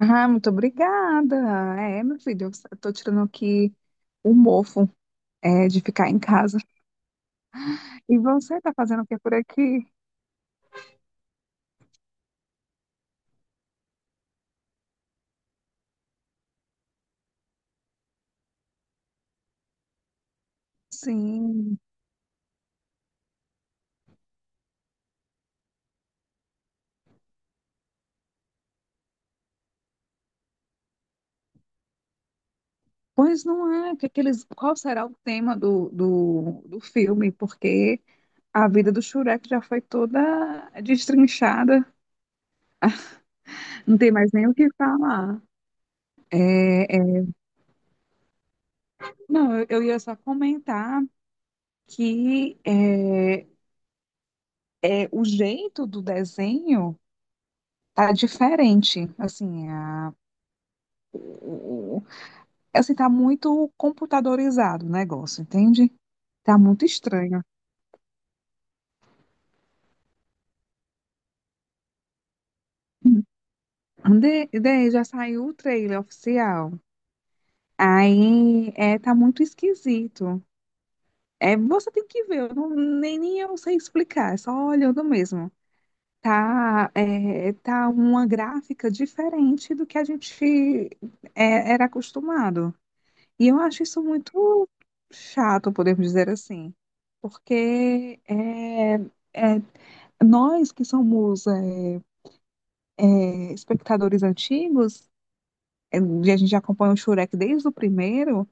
Ah, muito obrigada. Meu filho, eu tô tirando aqui o mofo, de ficar em casa. E você tá fazendo o que por aqui? Sim. Pois não é, qual será o tema do filme? Porque a vida do Shrek já foi toda destrinchada, não tem mais nem o que falar. É, é, não, eu ia só comentar que o jeito do desenho tá diferente, assim. É assim, tá muito computadorizado o negócio, entende? Tá muito estranho. Hum. Já saiu o trailer oficial. Aí tá muito esquisito. É, você tem que ver, eu nem eu sei explicar, é só olhando mesmo. Tá uma gráfica diferente do que a gente era acostumado. E eu acho isso muito chato, podemos dizer assim, porque é, nós que somos espectadores antigos, e a gente já acompanha o Shurek desde o primeiro,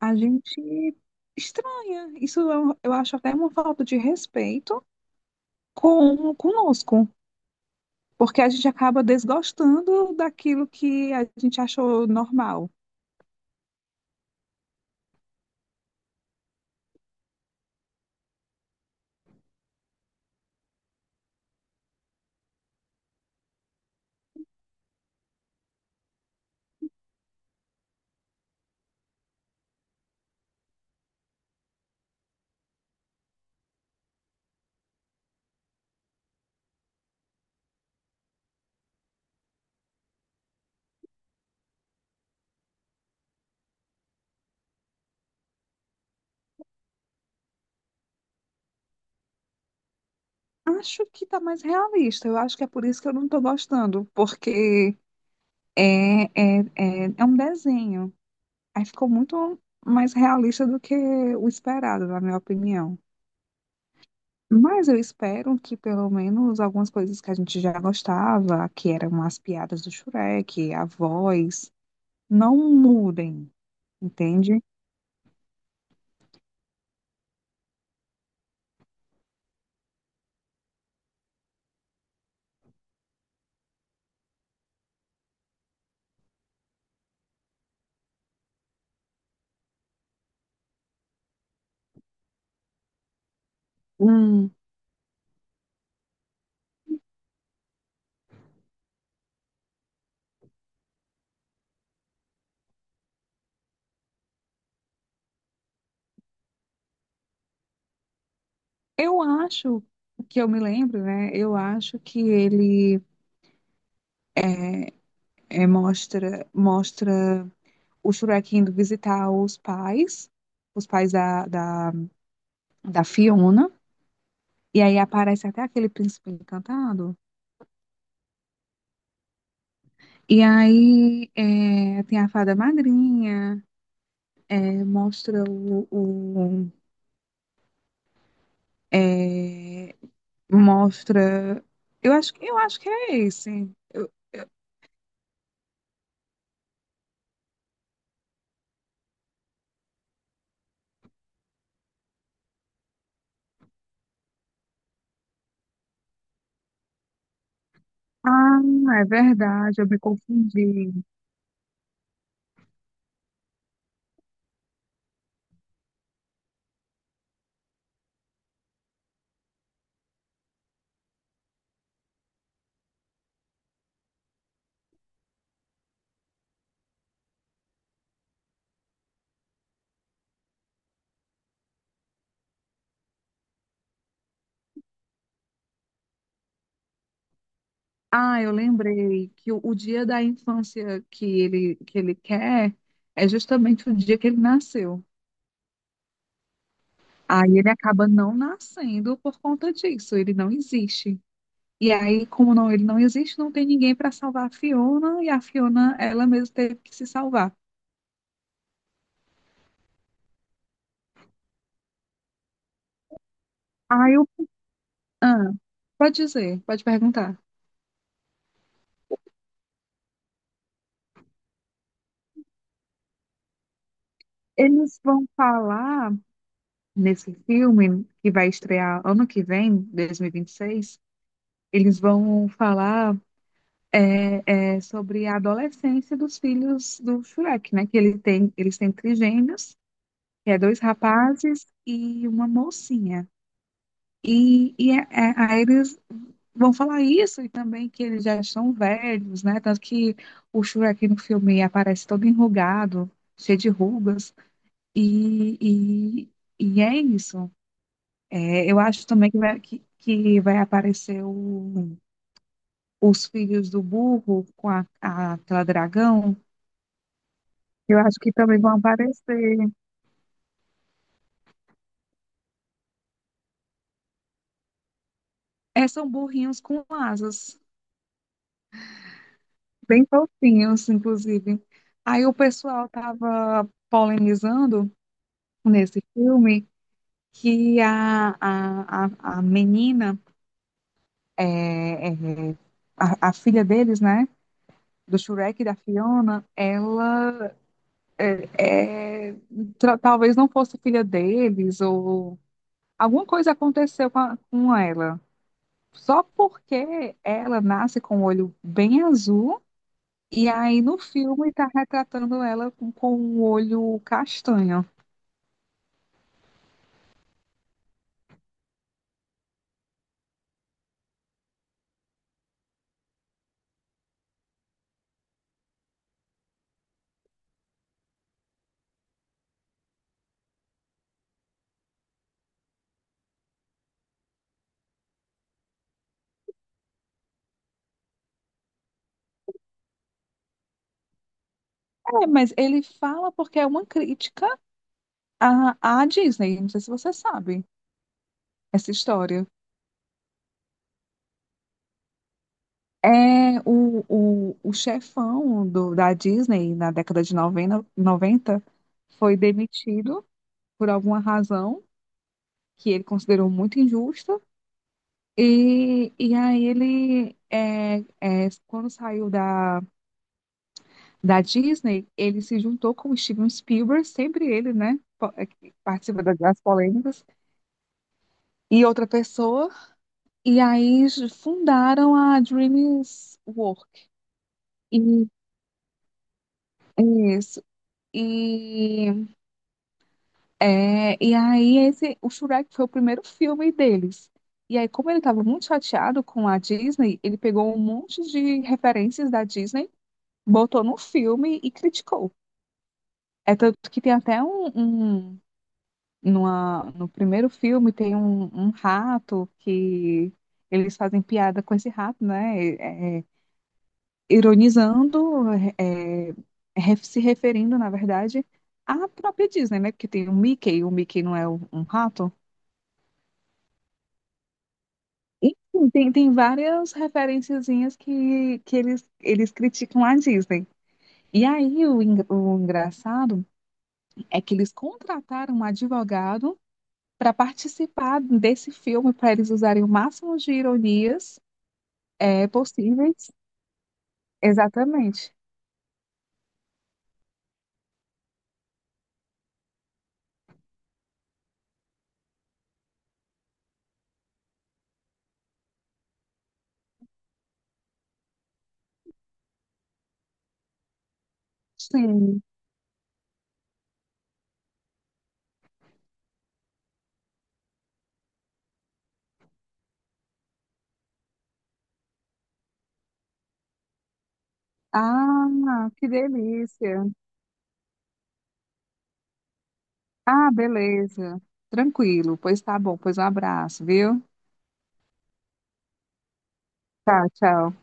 a gente estranha. Isso eu acho até uma falta de respeito com conosco, porque a gente acaba desgostando daquilo que a gente achou normal. Acho que tá mais realista, eu acho que é por isso que eu não tô gostando, porque é, é um desenho. Aí ficou muito mais realista do que o esperado, na minha opinião. Mas eu espero que pelo menos algumas coisas que a gente já gostava, que eram as piadas do Shrek, a voz, não mudem, entende? Hum, eu acho que eu me lembro, né? Eu acho que ele mostra o Shrek indo visitar os pais da da Fiona. E aí aparece até aquele príncipe encantado. E aí tem a fada madrinha. Mostra o é, mostra. Eu acho, eu acho que é esse. Ah, é verdade, eu me confundi. Ah, eu lembrei que o dia da infância que ele quer é justamente o dia que ele nasceu. Aí ele acaba não nascendo por conta disso, ele não existe. E aí, como não, ele não existe, não tem ninguém para salvar a Fiona, e a Fiona, ela mesma teve que se salvar. Aí eu. Ah, pode dizer, pode perguntar. Eles vão falar nesse filme que vai estrear ano que vem, 2026, eles vão falar sobre a adolescência dos filhos do Shrek, né? Que ele tem, eles têm trigêmeos, que é dois rapazes e uma mocinha. Aí eles vão falar isso e também que eles já são velhos, né? Tanto que o Shrek no filme aparece todo enrugado, cheio de rugas. E, e, e é isso. É, eu acho também que que vai aparecer os filhos do burro com aquela dragão. Eu acho que também vão aparecer. É, são burrinhos com asas, bem fofinhos, inclusive. Aí o pessoal estava polemizando nesse filme que a menina, é, é, a filha deles, né, do Shrek e da Fiona, ela é, talvez não fosse filha deles, ou alguma coisa aconteceu com ela. Só porque ela nasce com o olho bem azul, e aí no filme está retratando ela com o olho castanho. É, mas ele fala porque é uma crítica à Disney, não sei se você sabe essa história. É o chefão do, da Disney na década de 90 90 foi demitido por alguma razão que ele considerou muito injusta. E aí ele, quando saiu da Disney, ele se juntou com o Steven Spielberg, sempre ele, né? Que participa das polêmicas, e outra pessoa. E aí fundaram a DreamWorks. E, isso. E, e aí o Shrek foi o primeiro filme deles. E aí, como ele estava muito chateado com a Disney, ele pegou um monte de referências da Disney, botou num filme e criticou. É tanto que tem até um- no primeiro filme tem um rato que eles fazem piada com esse rato, né? Ironizando, é, se referindo, na verdade, à própria Disney, né? Porque tem o Mickey não é um rato. Enfim, tem várias referenciazinhas que eles criticam a Disney. E aí o engraçado é que eles contrataram um advogado para participar desse filme, para eles usarem o máximo de ironias possíveis. Exatamente. Sim. Ah, que delícia. Ah, beleza. Tranquilo. Pois tá bom. Pois um abraço, viu? Tchau, tchau.